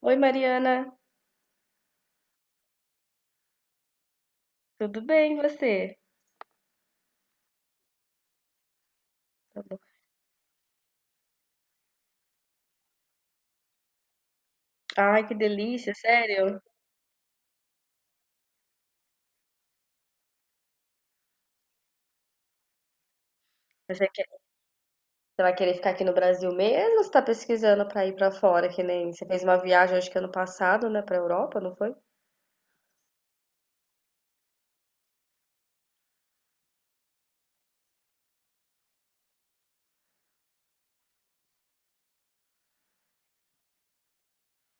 Oi, Mariana, tudo bem e você? Tá bom. Ai, que delícia, sério? Você quer- você vai querer ficar aqui no Brasil mesmo, ou você tá pesquisando pra ir pra fora, que nem você fez uma viagem acho que ano passado, né, pra Europa, não foi?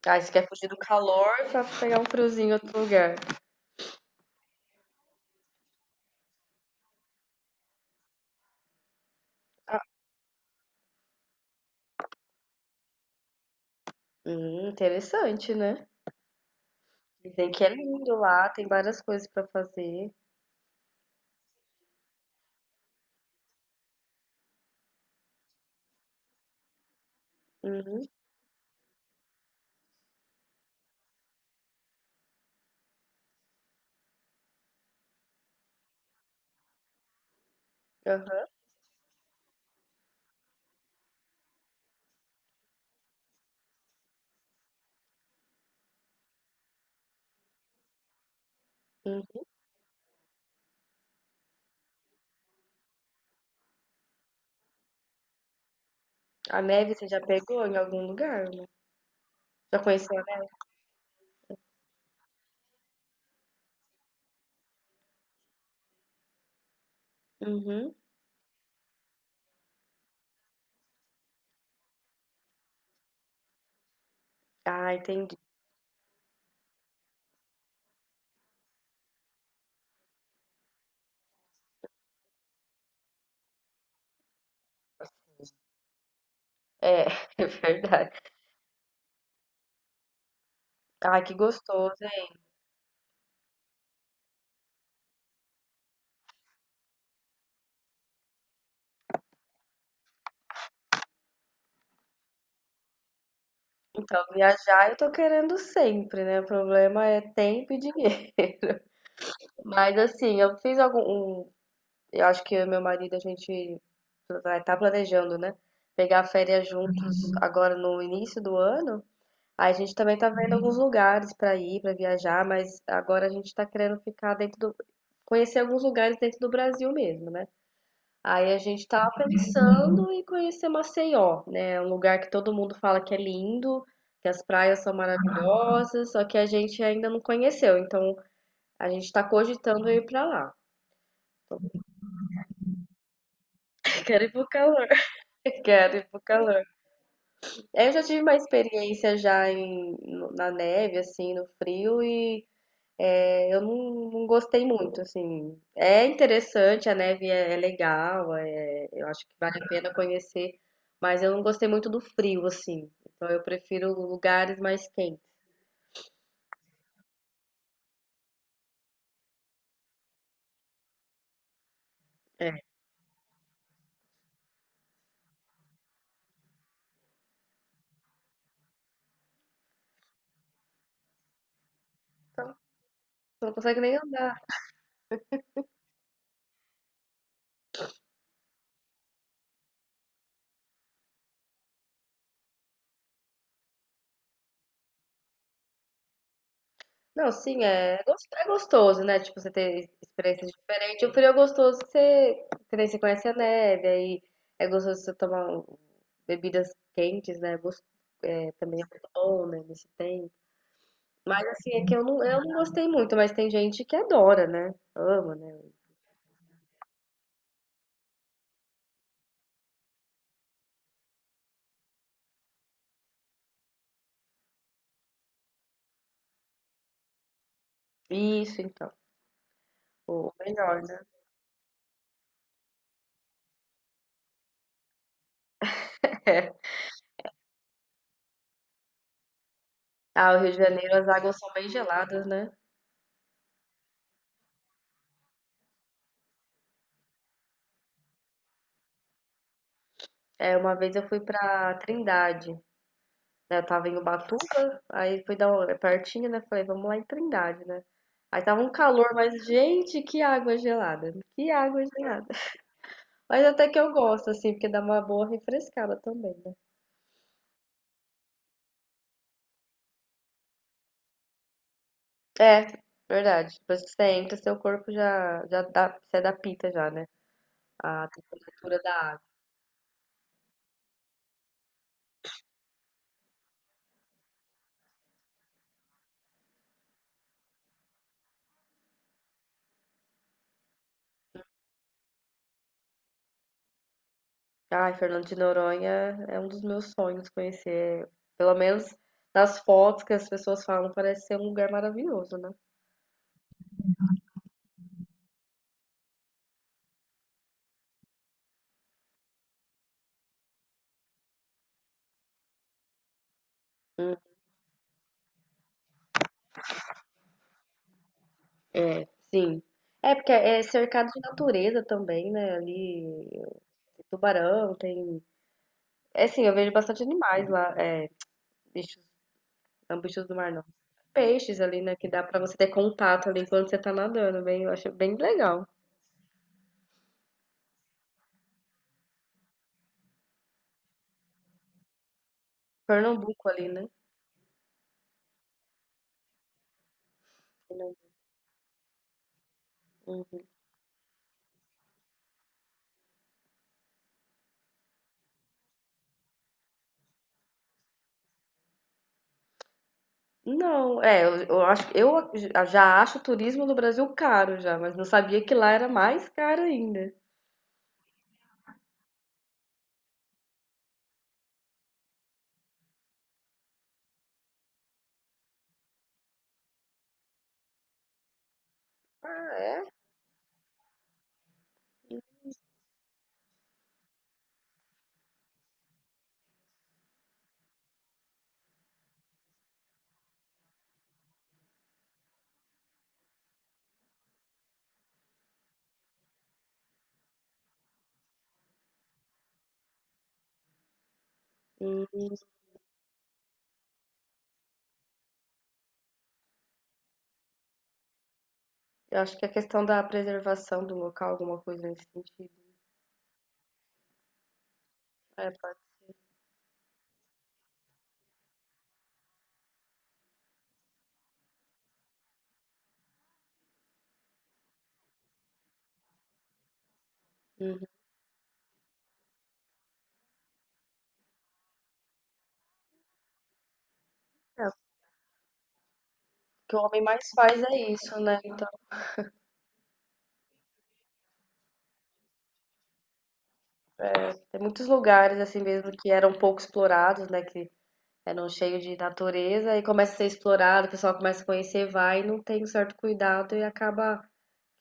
Ai, você quer fugir do calor pra pegar um friozinho em outro lugar? Interessante, né? Dizem que é lindo lá, tem várias coisas pra fazer. Uhum, aham, uhum. A neve você já pegou em algum lugar, né? Já conheceu a neve? Uhum. Ah, entendi. É, é verdade. Ai, que gostoso. Então, viajar eu tô querendo sempre, né? O problema é tempo e dinheiro. Mas assim, eu fiz algum. um- eu acho que eu e meu marido a gente vai estar planejando, né? Pegar férias juntos, uhum, agora no início do ano. Aí a gente também tá vendo alguns lugares pra ir, pra viajar, mas agora a gente tá querendo ficar dentro do. Conhecer alguns lugares dentro do Brasil mesmo, né? Aí a gente tava pensando em conhecer Maceió, né? É. Um lugar que todo mundo fala que é lindo, que as praias são maravilhosas, só que a gente ainda não conheceu. Então a gente tá cogitando ir pra lá. Quero ir pro calor. Quero ir pro calor. Eu já tive uma experiência já na neve, assim, no frio, e eu não, não gostei muito, assim. É interessante, a neve é legal, eu acho que vale a pena conhecer, mas eu não gostei muito do frio, assim. Então eu prefiro lugares mais quentes. Você não consegue nem andar. Não, sim, é, é gostoso, né? Tipo, você ter experiências diferentes. O frio é gostoso que você, que nem você conhece a neve, aí é gostoso você tomar bebidas quentes, né? É, também é muito bom, né? Nesse tempo. Mas assim, é que eu não gostei muito, mas tem gente que adora, né? Ama, né? Isso, então. O melhor, né? Ah, o Rio de Janeiro, as águas são bem geladas, né? É, uma vez eu fui pra Trindade, né? Eu tava em Ubatuba, aí fui dar uma, é pertinho, né? Falei, vamos lá em Trindade, né? Aí tava um calor, mas gente, que água gelada, né? Que água gelada. Mas até que eu gosto, assim, porque dá uma boa refrescada também, né? É, verdade. Depois que você entra, seu corpo já, já dá, se adapta já, né? A temperatura da água. Ai, Fernando de Noronha é um dos meus sonhos conhecer. Pelo menos nas fotos que as pessoas falam, parece ser um lugar maravilhoso, né? Sim. É porque é cercado de natureza também, né? Ali tem tubarão, tem. É assim, eu vejo bastante animais lá, é, bichos, bichos do mar não. Peixes ali, né? Que dá pra você ter contato ali enquanto você tá nadando, bem, eu acho bem legal. Pernambuco ali, né? Não, é, eu acho, já acho o turismo no Brasil caro já, mas não sabia que lá era mais caro ainda. Ah, é? Hum, eu acho que a questão da preservação do local, alguma coisa nesse sentido. É, pode. Uhum. É, o que o homem mais faz é isso, né? Então, tem muitos lugares assim mesmo que eram pouco explorados, né? Que eram cheios de natureza e começa a ser explorado, o pessoal começa a conhecer, vai e não tem um certo cuidado e acaba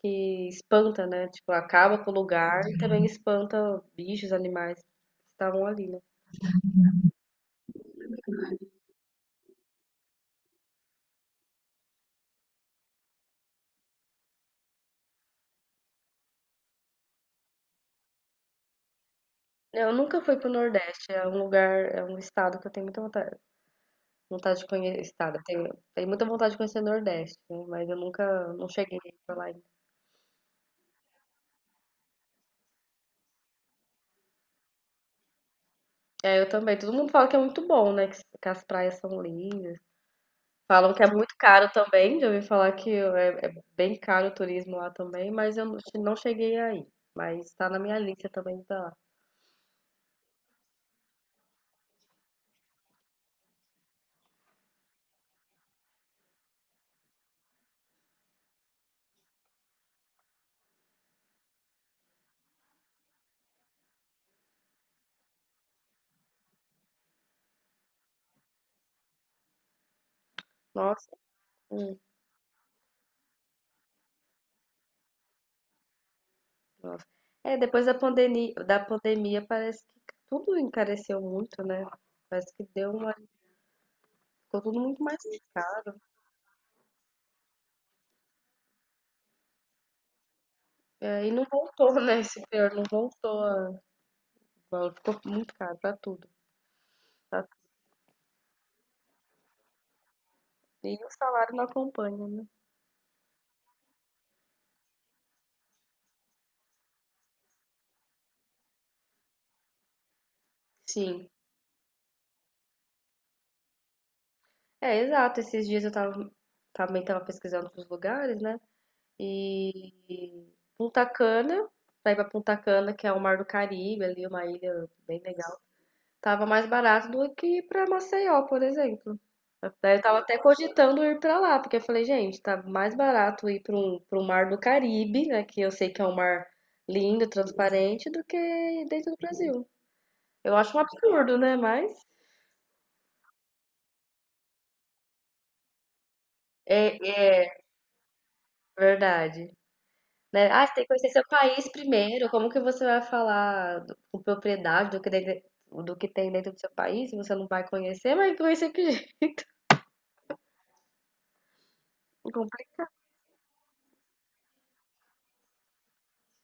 que espanta, né? Tipo, acaba com o lugar e também espanta bichos, animais que estavam ali, né? Eu nunca fui pro Nordeste, é um lugar, é um estado que eu tenho muita vontade, vontade de conhecer, estado, eu tenho muita vontade de conhecer o Nordeste, né? Mas eu nunca, não cheguei pra lá ainda. É, eu também, todo mundo fala que é muito bom, né? Que as praias são lindas. Falam que é muito caro também, já ouvi falar que é bem caro o turismo lá também, mas eu não cheguei aí. Mas tá na minha lista também, tá lá. Nossa, nossa. É, depois da pandemia, parece que tudo encareceu muito, né? Parece que deu uma, ficou tudo muito mais caro. É, e não voltou, né? Esse pior, não voltou. Igual, ficou muito caro pra tudo. Pra E o salário não acompanha, né? Sim. É, exato. Esses dias eu tava, também tava pesquisando os lugares, né? E Punta Cana, pra ir pra Punta Cana, que é o Mar do Caribe, ali, uma ilha bem legal. Tava mais barato do que ir pra Maceió, por exemplo. Daí eu tava até cogitando ir pra lá, porque eu falei, gente, tá mais barato ir para um mar do Caribe, né, que eu sei que é um mar lindo, transparente, do que dentro do Brasil. Eu acho um absurdo, né, mas é, é verdade. Né? Ah, você tem que conhecer seu país primeiro, como que você vai falar com propriedade do que, do que tem dentro do seu país, se você não vai conhecer, mas conhecer que jeito?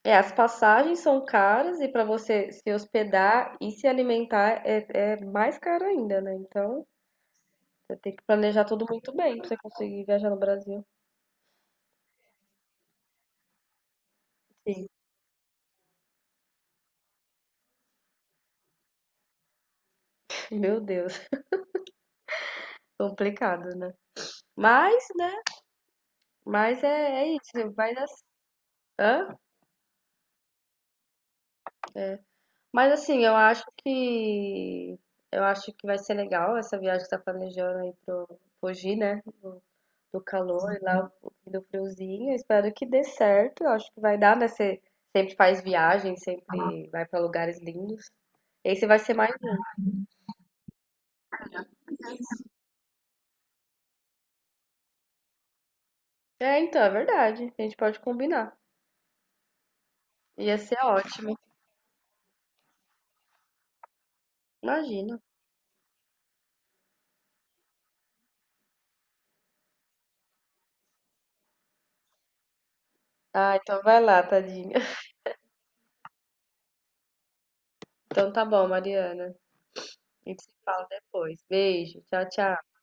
É, as passagens são caras e para você se hospedar e se alimentar é mais caro ainda, né? Então, tem que planejar tudo muito bem pra você conseguir viajar no Brasil. Sim. Meu Deus, complicado, né? Mas, né? Mas é isso. Vai dar. Hã? Mas assim, eu acho que vai ser legal essa viagem que você tá planejando aí pro Fuji, né? Do calor e lá do friozinho. Eu espero que dê certo. Eu acho que vai dar, né? Você sempre faz viagem, sempre vai pra lugares lindos. Esse vai ser mais. É, então, é verdade. A gente pode combinar. Ia ser ótimo. Imagino. Ah, então vai lá, tadinha. Então tá bom, Mariana. A gente se fala depois. Beijo. Tchau, tchau.